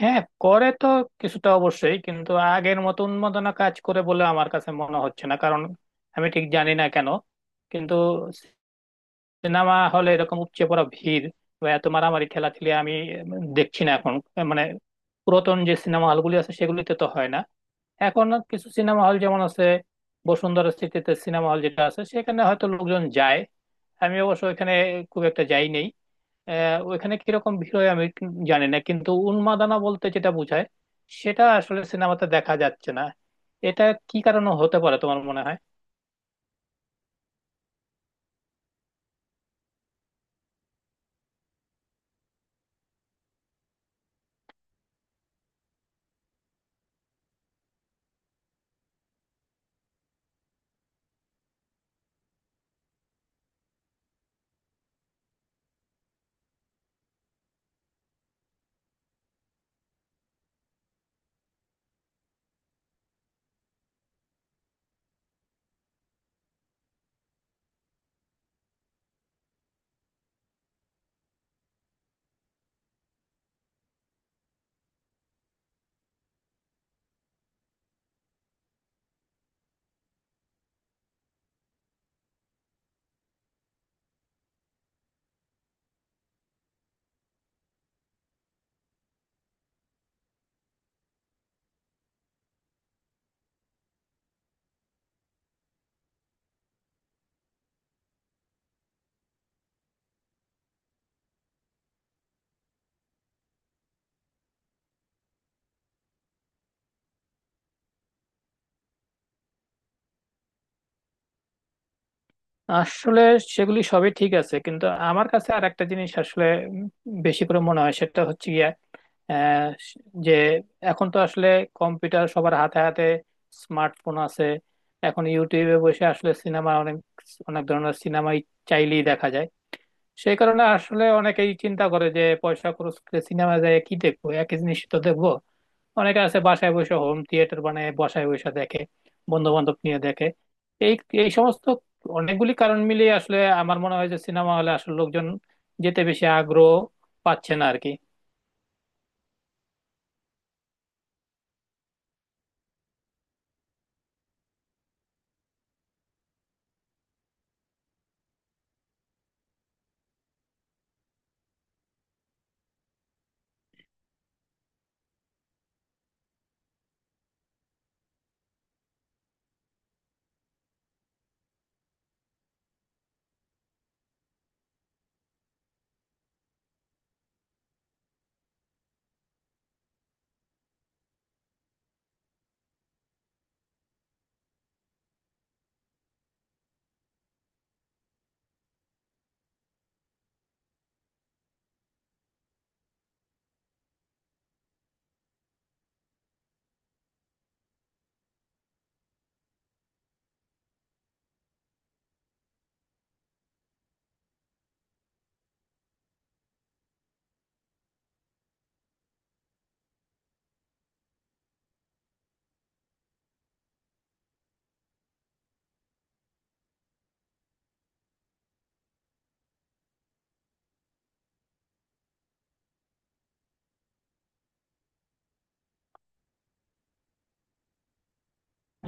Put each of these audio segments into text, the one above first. হ্যাঁ করে তো, কিছুটা অবশ্যই, কিন্তু আগের মতো উন্মাদনা কাজ করে বলে আমার কাছে মনে হচ্ছে না। কারণ আমি ঠিক জানি না কেন, কিন্তু সিনেমা হলে এরকম উপচে পড়া ভিড় বা এত মারামারি ঠেলাঠেলি আমি দেখছি না এখন। মানে পুরাতন যে সিনেমা হলগুলি আছে সেগুলিতে তো হয় না। এখন কিছু সিনেমা হল যেমন আছে, বসুন্ধরা সিটিতে সিনেমা হল যেটা আছে সেখানে হয়তো লোকজন যায়। আমি অবশ্য এখানে খুব একটা যাই নেই। ওইখানে কিরকম ভিড় হয় আমি জানি না, কিন্তু উন্মাদনা বলতে যেটা বোঝায় সেটা আসলে সিনেমাতে দেখা যাচ্ছে না। এটা কি কারণে হতে পারে তোমার মনে হয়? আসলে সেগুলি সবই ঠিক আছে, কিন্তু আমার কাছে আর একটা জিনিস আসলে উম, বেশি করে মনে হয়, সেটা হচ্ছে গিয়া আহ, যে এখন তো আসলে কম্পিউটার সবার হাতে হাতে, স্মার্টফোন আছে। এখন ইউটিউবে বসে আসলে সিনেমা অনেক, অনেক ধরনের সিনেমাই চাইলেই দেখা যায়। সেই কারণে আসলে অনেকেই চিন্তা করে যে পয়সা খরচ করে সিনেমা যায় কি দেখবো, একই জিনিস তো দেখবো। অনেকে আছে বাসায় বসে হোম থিয়েটার বানায়, বাসায় বসে দেখে, বন্ধু বান্ধব নিয়ে দেখে। এই এই সমস্ত অনেকগুলি কারণ মিলিয়ে আসলে আমার মনে হয় যে সিনেমা হলে আসলে লোকজন যেতে বেশি আগ্রহ পাচ্ছে না আর কি।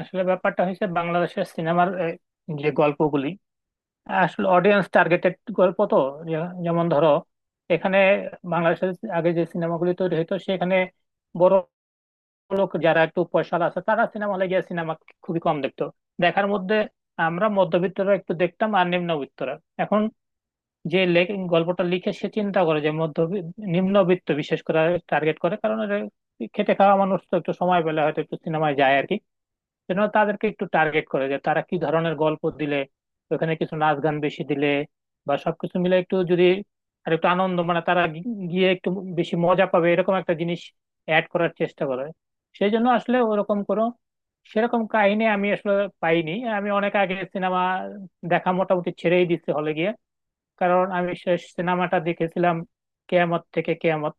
আসলে ব্যাপারটা হয়েছে বাংলাদেশের সিনেমার যে গল্পগুলি আসলে অডিয়েন্স টার্গেটেড গল্প তো। যেমন ধরো, এখানে বাংলাদেশের আগে যে সিনেমাগুলি তৈরি হতো সেখানে বড় লোক যারা একটু পয়সাওয়ালা আছে তারা সিনেমা হলে গিয়ে সিনেমা খুবই কম দেখতো। দেখার মধ্যে আমরা মধ্যবিত্তরা একটু দেখতাম আর নিম্নবিত্তরা। এখন যে গল্পটা লিখে সে চিন্তা করে যে মধ্য নিম্নবিত্ত বিশেষ করে টার্গেট করে, কারণ এটা খেটে খাওয়া মানুষ তো একটু সময় পেলে হয়তো একটু সিনেমায় যায় আর কি। যেন তাদেরকে একটু টার্গেট করে যে তারা কি ধরনের গল্প দিলে, ওখানে কিছু নাচ গান বেশি দিলে বা সবকিছু মিলে একটু যদি আর একটু আনন্দ, মানে তারা গিয়ে একটু বেশি মজা পাবে, এরকম একটা জিনিস অ্যাড করার চেষ্টা করে। সেই জন্য আসলে ওরকম কোনো সেরকম কাহিনী আমি আসলে পাইনি। আমি অনেক আগে সিনেমা দেখা মোটামুটি ছেড়েই দিচ্ছি হলে গিয়ে। কারণ আমি শেষ সিনেমাটা দেখেছিলাম কেয়ামত থেকে কেয়ামত।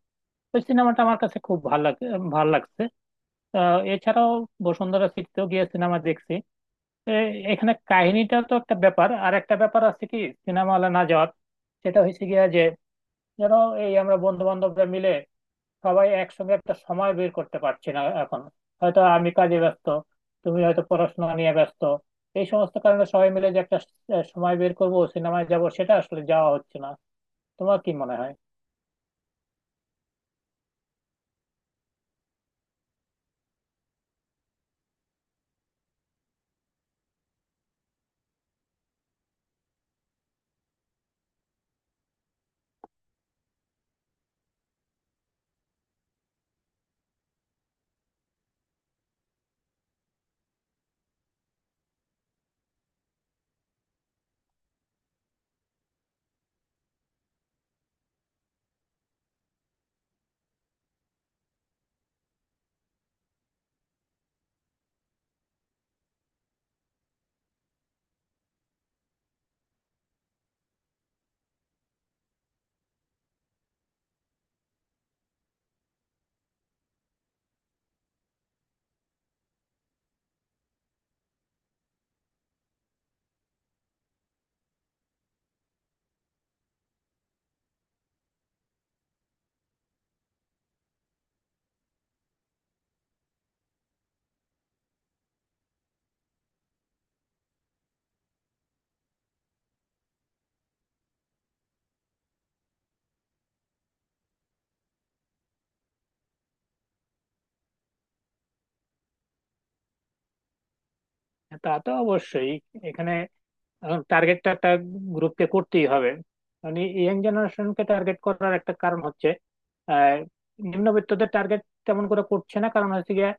ওই সিনেমাটা আমার কাছে খুব ভালো লাগে, ভালো লাগছে। এছাড়াও বসুন্ধরা সিটিতেও গিয়ে সিনেমা দেখছি। এ- এখানে কাহিনীটা তো একটা ব্যাপার, আর একটা ব্যাপার আছে কি সিনেমা হলে না যাওয়ার। সেটা হয়েছে গিয়া যে, যেন এই আমরা বন্ধু বান্ধবরা মিলে সবাই একসঙ্গে একটা সময় বের করতে পারছি না এখন। হয়তো আমি কাজে ব্যস্ত, তুমি হয়তো পড়াশোনা নিয়ে ব্যস্ত। এই সমস্ত কারণে সবাই মিলে যে একটা সময় বের করব সিনেমায় যাব সেটা আসলে যাওয়া হচ্ছে না। তোমার কি মনে হয়? তা তো অবশ্যই। এখানে এখন টার্গেটটা একটা গ্রুপকে করতেই হবে। মানে ইয়াং জেনারেশনকে টার্গেট করার একটা কারণ হচ্ছে আহ, নিম্নবিত্তদের টার্গেট তেমন করে করছে না, কারণ হচ্ছে গিয়ে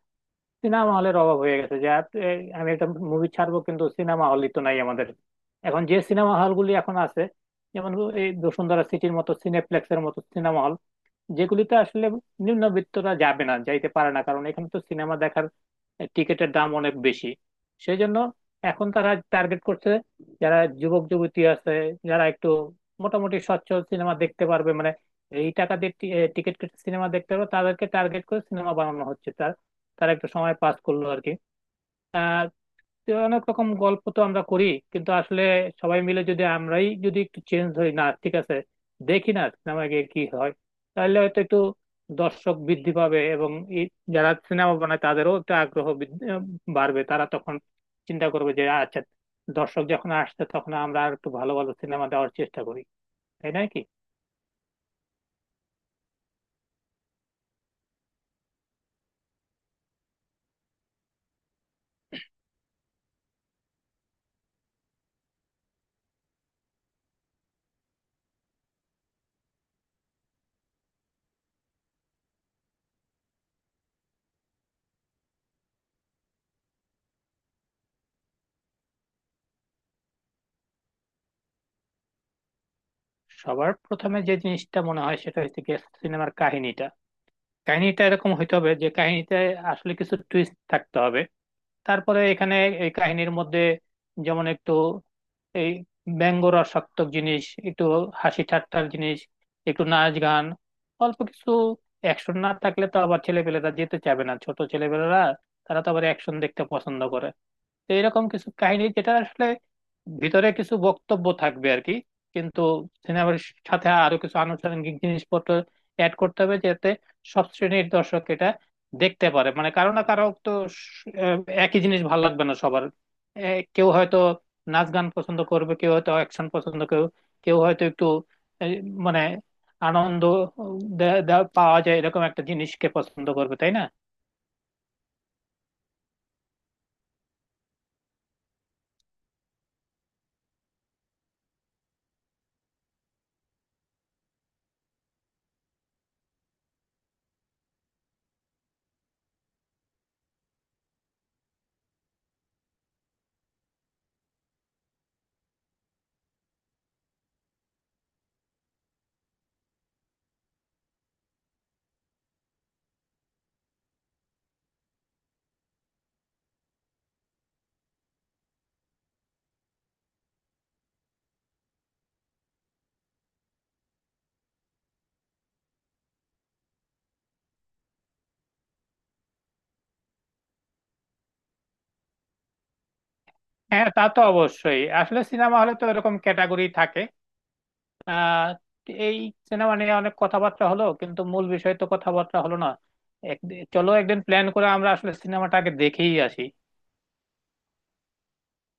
সিনেমা হলের অভাব হয়ে গেছে। যে এই, আমি একটা মুভি ছাড়বো কিন্তু সিনেমা হলই তো নাই আমাদের। এখন যে সিনেমা হলগুলি এখন আছে, যেমন এই বসুন্ধরা সিটির মতো সিনেপ্লেক্সের মতো সিনেমা, যেগুলিতে আসলে নিম্নবিত্তরা যাবে না, যাইতে পারে না, কারণ এখানে তো সিনেমা দেখার টিকিটের দাম অনেক বেশি। সেই জন্য এখন তারা টার্গেট করছে যারা যুবক যুবতী আছে, যারা একটু মোটামুটি সচ্ছল, সিনেমা দেখতে পারবে, মানে এই টাকা দিয়ে টিকিট কেটে সিনেমা দেখতে পারবে, তাদেরকে টার্গেট করে সিনেমা বানানো হচ্ছে। তার তারা একটু সময় পাস করলো আর কি। তো অনেক রকম গল্প তো আমরা করি, কিন্তু আসলে সবাই মিলে যদি, আমরাই যদি একটু চেঞ্জ হই না, ঠিক আছে, দেখি না সিনেমা গিয়ে কি হয়, তাহলে হয়তো একটু দর্শক বৃদ্ধি পাবে এবং এই যারা সিনেমা বানায় তাদেরও একটু বাড়বে। তারা তখন চিন্তা করবে যে আচ্ছা, দর্শক যখন আসছে তখন আমরা আর একটু ভালো ভালো সিনেমা দেওয়ার চেষ্টা করি। তাই নয় কি? সবার প্রথমে যে জিনিসটা মনে হয় সেটা হচ্ছে গিয়ে সিনেমার কাহিনীটা। কাহিনীটা এরকম হইতে হবে যে কাহিনীতে আসলে কিছু টুইস্ট থাকতে হবে। তারপরে এখানে এই কাহিনীর মধ্যে যেমন একটু এই ব্যঙ্গ রসাত্মক জিনিস, একটু হাসি ঠাট্টার জিনিস, একটু নাচ গান, অল্প কিছু অ্যাকশন না থাকলে তো আবার ছেলেপেলেরা যেতে চাবে না, ছোট ছেলেপেলেরা তারা তো আবার অ্যাকশন দেখতে পছন্দ করে। তো এরকম কিছু কাহিনী যেটা আসলে ভিতরে কিছু বক্তব্য থাকবে আর কি। কিন্তু সিনেমার সাথে আরো কিছু আনুষঙ্গিক জিনিসপত্র অ্যাড করতে হবে যাতে সব শ্রেণীর দর্শক এটা দেখতে পারে। মানে কারো না কারো তো স- আহ, একই জিনিস ভালো লাগবে না সবার। এ, কেউ হয়তো নাচ গান পছন্দ করবে, কেউ হয়তো অ্যাকশন পছন্দ, কেউ কেউ হয়তো একটু এই, মানে আনন্দ দে- দে- পাওয়া যায় এরকম একটা জিনিসকে পছন্দ করবে। তাই না? হ্যাঁ, তা তো অবশ্যই। আসলে সিনেমা হলে তো এরকম ক্যাটাগরি থাকে। আহ এই সিনেমা নিয়ে অনেক কথাবার্তা হলো কিন্তু মূল বিষয় তো কথাবার্তা হলো না। এক- চলো একদিন প্ল্যান করে আমরা আসলে সিনেমাটাকে দেখেই আসি।